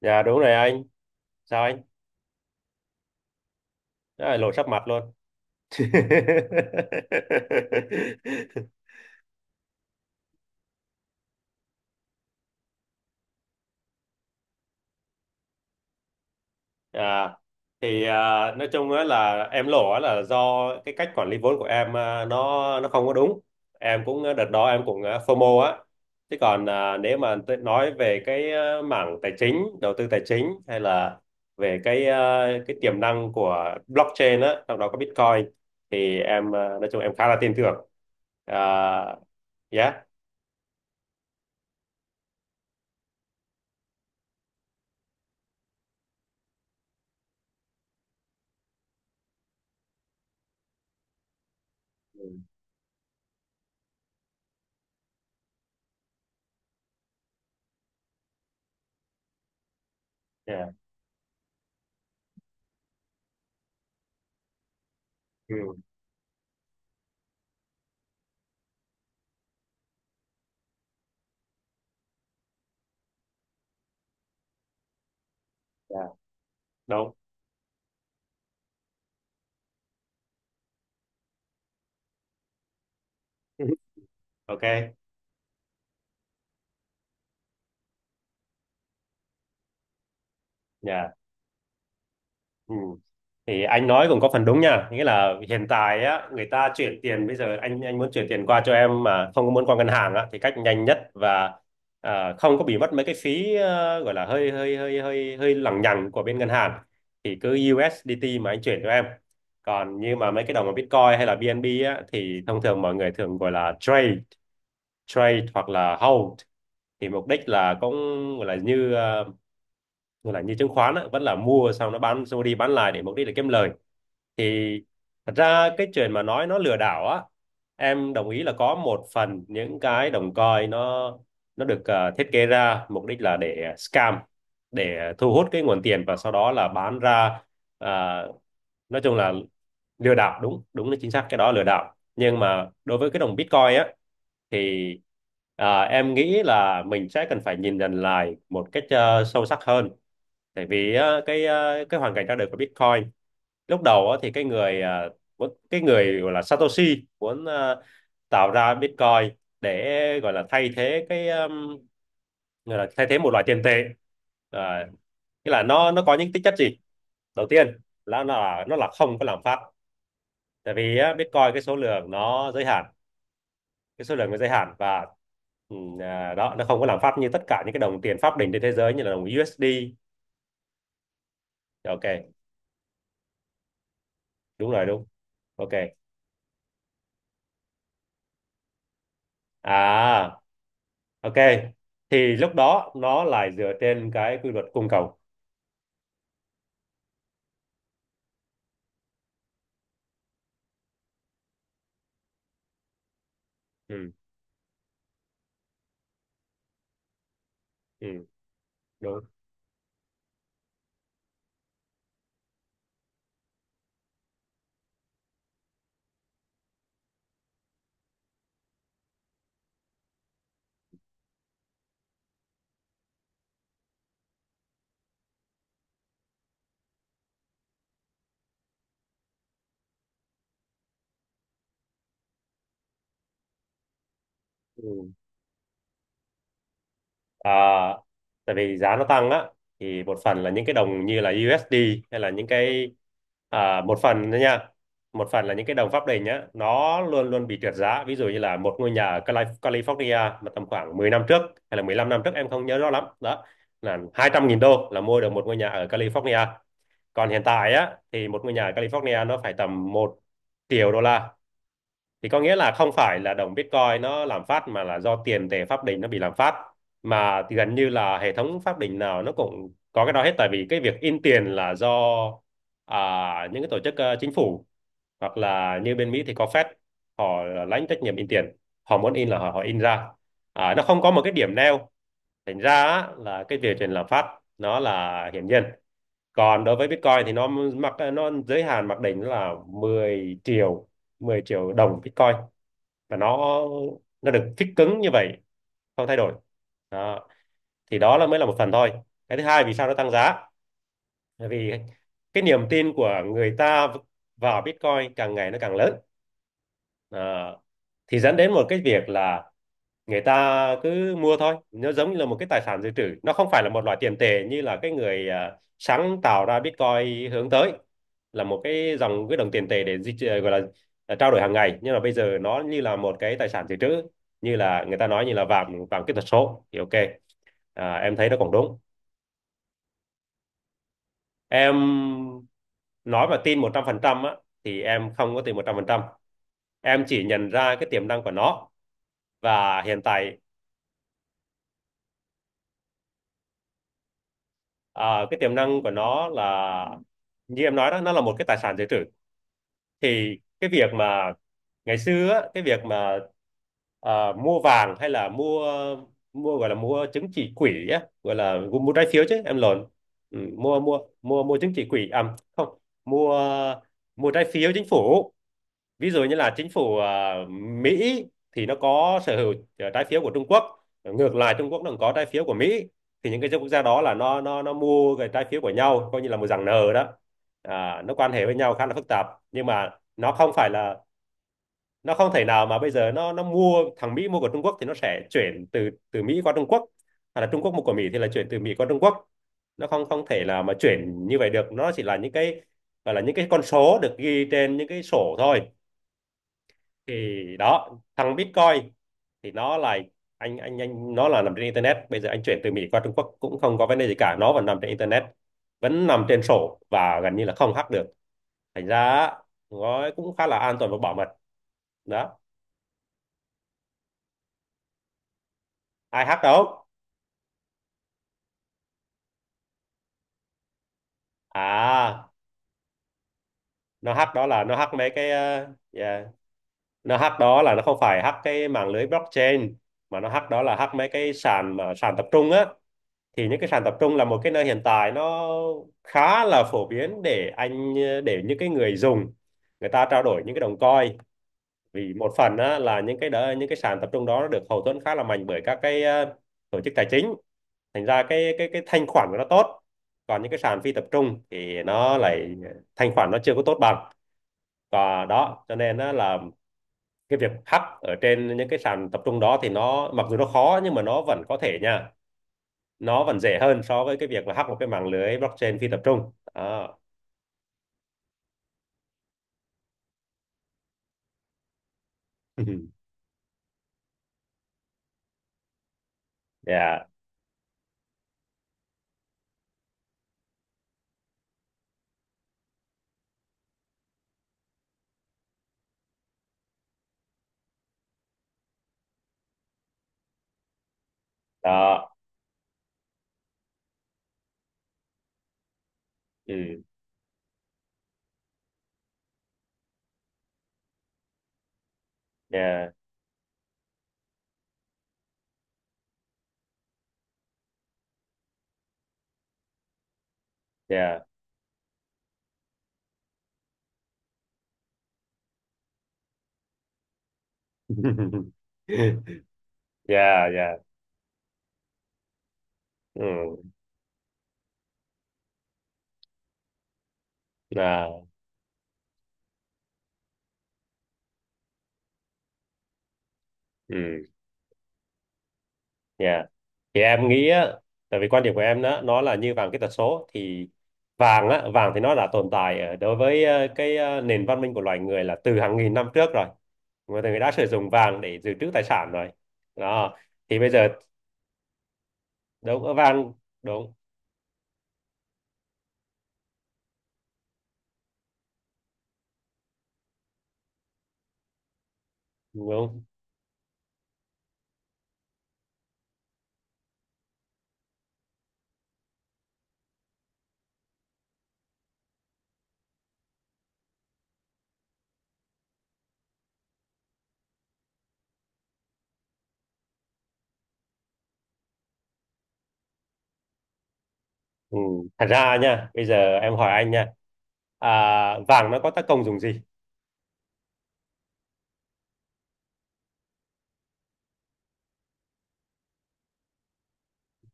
Dạ đúng rồi anh. Sao anh? Đó là lộ sắp mặt luôn. à, nói chung á là em lộ á là do cái cách quản lý vốn của em, nó không có đúng. Em cũng, đợt đó em cũng, FOMO á. Chứ còn, nếu mà tôi nói về cái, mảng tài chính, đầu tư tài chính hay là về cái tiềm năng của blockchain á, trong đó có Bitcoin thì em, nói chung em khá là tin tưởng. À, yeah. Dạ. Ừ. Dạ. Đúng. Ok. Dạ. Ừ. Thì anh nói cũng có phần đúng nha, nghĩa là hiện tại á, người ta chuyển tiền bây giờ anh, muốn chuyển tiền qua cho em mà không có muốn qua ngân hàng á, thì cách nhanh nhất và không có bị mất mấy cái phí, gọi là hơi hơi hơi hơi hơi lằng nhằng của bên ngân hàng thì cứ USDT mà anh chuyển cho em. Còn như mà mấy cái đồng mà Bitcoin hay là BNB á thì thông thường mọi người thường gọi là trade trade hoặc là hold, thì mục đích là cũng gọi là như, chứng khoán á, vẫn là mua xong nó bán xong đi bán lại để mục đích là kiếm lời. Thì thật ra cái chuyện mà nói nó lừa đảo á, em đồng ý là có một phần những cái đồng coin nó được, thiết kế ra mục đích là để scam, để thu hút cái nguồn tiền và sau đó là bán ra. Ờ, nói chung là lừa đảo, đúng đúng là chính xác cái đó là lừa đảo. Nhưng mà đối với cái đồng Bitcoin á, thì em nghĩ là mình sẽ cần phải nhìn nhận lại một cách, sâu sắc hơn. Tại vì á, cái hoàn cảnh ra đời của Bitcoin lúc đầu á, thì cái người, cái người gọi là Satoshi muốn, tạo ra Bitcoin để gọi là thay thế cái gọi là thay thế một loại tiền tệ. Ờ, nghĩa là nó có những tính chất gì, đầu tiên là nó là không có lạm phát. Tại vì á, Bitcoin cái số lượng nó giới hạn, và, ừ, đó, nó không có lạm phát như tất cả những cái đồng tiền pháp định trên thế giới như là đồng USD. Ok. Đúng rồi. Đúng. Ok. à ok, thì lúc đó nó lại dựa trên cái quy luật cung cầu. Ừ. Ừ. Đúng. Ừ. À, tại vì giá nó tăng á, thì một phần là những cái đồng như là USD hay là những cái, một phần nữa nha, một phần là những cái đồng pháp định á, nó luôn luôn bị trượt giá. Ví dụ như là một ngôi nhà ở California mà tầm khoảng 10 năm trước hay là 15 năm trước em không nhớ rõ lắm đó, là 200.000 đô là mua được một ngôi nhà ở California. Còn hiện tại á, thì một ngôi nhà ở California nó phải tầm 1 triệu đô la. Thì có nghĩa là không phải là đồng Bitcoin nó làm phát mà là do tiền tệ pháp định nó bị làm phát. Mà thì gần như là hệ thống pháp định nào nó cũng có cái đó hết. Tại vì cái việc in tiền là do, à, những cái tổ chức, chính phủ, hoặc là như bên Mỹ thì có Fed, họ lãnh trách nhiệm in tiền, họ muốn in là họ in ra, nó không có một cái điểm neo. Thành ra á, là cái việc tiền lạm phát nó là hiển nhiên. Còn đối với Bitcoin thì nó mặc nó giới hạn mặc định là 10 triệu, 10 triệu đồng Bitcoin, và nó được fix cứng như vậy, không thay đổi. Đó. Thì đó là mới là một phần thôi. Cái thứ hai vì sao nó tăng giá, bởi vì cái niềm tin của người ta vào Bitcoin càng ngày nó càng lớn. Ờ, thì dẫn đến một cái việc là người ta cứ mua thôi, nó giống như là một cái tài sản dự trữ, nó không phải là một loại tiền tệ như là cái người, sáng tạo ra Bitcoin hướng tới là một cái đồng tiền tệ để gọi là, trao đổi hàng ngày. Nhưng mà bây giờ nó như là một cái tài sản dự trữ, như là người ta nói như là vàng, vàng kỹ thuật số thì ok, em thấy nó cũng đúng. Em nói mà tin 100% á, thì em không có tin 100%, em chỉ nhận ra cái tiềm năng của nó. Và hiện tại, cái tiềm năng của nó là như em nói đó, nó là một cái tài sản dự trữ. Thì cái việc mà ngày xưa á, cái việc mà mua vàng, hay là mua, gọi là mua chứng chỉ quỹ á, gọi là mua trái phiếu, chứ em lộn. Ừ, mua mua mua mua chứng chỉ quỹ, à không, mua mua trái phiếu chính phủ. Ví dụ như là chính phủ, Mỹ thì nó có sở hữu, trái phiếu của Trung Quốc. Ngược lại Trung Quốc nó cũng có trái phiếu của Mỹ. Thì những cái quốc gia đó là nó mua cái trái phiếu của nhau coi như là một dạng nợ đó. Nó quan hệ với nhau khá là phức tạp. Nhưng mà nó không phải là nó không thể nào mà bây giờ nó mua, thằng Mỹ mua của Trung Quốc thì nó sẽ chuyển từ từ Mỹ qua Trung Quốc, hoặc là Trung Quốc mua của Mỹ thì là chuyển từ Mỹ qua Trung Quốc. Nó không không thể là mà chuyển như vậy được, nó chỉ là những cái, gọi là những cái con số được ghi trên những cái sổ thôi. Thì đó, thằng Bitcoin thì nó là, anh nó là nằm trên internet. Bây giờ anh chuyển từ Mỹ qua Trung Quốc cũng không có vấn đề gì cả, nó vẫn nằm trên internet, vẫn nằm trên sổ, và gần như là không hack được. Thành ra á, nó cũng khá là an toàn và bảo mật. Đó. Ai hack đâu. à nó hack đó là nó hack mấy cái, yeah, nó hack đó là nó không phải hack cái mạng lưới blockchain, mà nó hack đó là hack mấy cái sàn, mà sàn tập trung á. Thì những cái sàn tập trung là một cái nơi hiện tại nó khá là phổ biến để những cái người dùng, người ta trao đổi những cái đồng coin. Vì một phần á, là những cái sàn tập trung đó nó được hậu thuẫn khá là mạnh bởi các cái, tổ chức tài chính. Thành ra cái thanh khoản của nó tốt. Còn những cái sàn phi tập trung thì nó lại thanh khoản nó chưa có tốt bằng. Và đó cho nên á, là cái việc hack ở trên những cái sàn tập trung đó thì nó mặc dù nó khó, nhưng mà nó vẫn có thể nha, nó vẫn dễ hơn so với cái việc là hack một cái mạng lưới blockchain phi tập trung đó. Yeah. Đó. Ừ. Yeah, yeah. Dạ. Dạ. Ừ. À. Ừ. Dạ. Thì em nghĩ á, tại vì quan điểm của em đó nó là như vàng kỹ thuật số thì vàng á, vàng thì nó đã tồn tại đối với, nền văn minh của loài người là từ hàng nghìn năm trước rồi. Người đã sử dụng vàng để dự trữ tài sản rồi. Đó. Thì bây giờ đúng ở vàng. Đúng. Đúng. Ừ. Thật ra nha, bây giờ em hỏi anh nha, à, vàng nó có tác công dùng gì.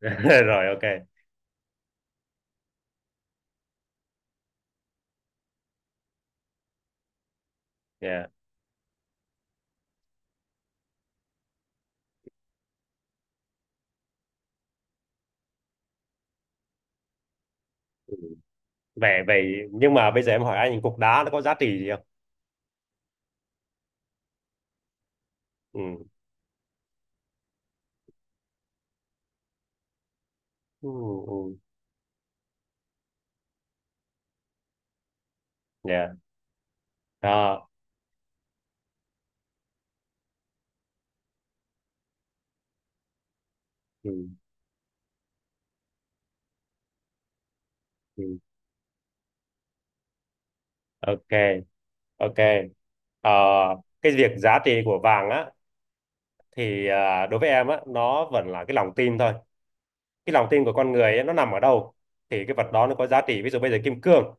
Rồi, ok. Yeah. về về, nhưng mà bây giờ em hỏi anh cục đá nó có giá trị gì không. Ừ. Ừ. Ừ. Yeah. Đó. Ừ. Ừ. Ok. Ok. Ờ, cái việc giá trị của vàng á, thì đối với em á nó vẫn là cái lòng tin thôi. Cái lòng tin của con người ấy, nó nằm ở đâu thì cái vật đó nó có giá trị. Ví dụ bây giờ kim cương,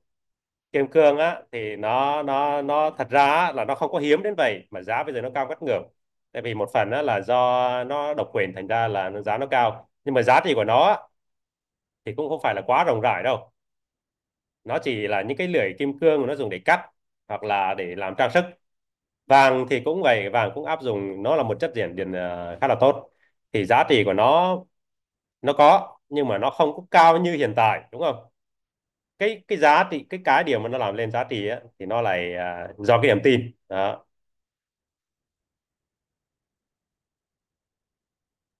kim cương á thì nó thật ra á, là nó không có hiếm đến vậy mà giá bây giờ nó cao ngất ngưởng. Tại vì một phần á, là do nó độc quyền thành ra là giá nó cao, nhưng mà giá trị của nó á, thì cũng không phải là quá rộng rãi đâu. Nó chỉ là những cái lưỡi kim cương nó dùng để cắt hoặc là để làm trang sức. Vàng thì cũng vậy, vàng cũng áp dụng nó là một chất dẫn điện, khá là tốt. Thì giá trị của nó có, nhưng mà nó không có cao như hiện tại, đúng không. Cái giá trị, cái điều mà nó làm lên giá trị á, thì nó lại, do cái niềm tin đó.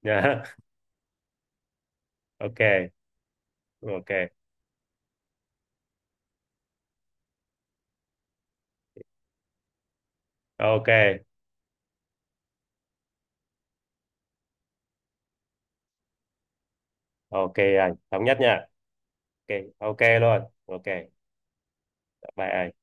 Dạ. Ok. Ok. Ok. Ok. Anh thống nhất nha. Ok. Ok luôn. Ok, bye anh.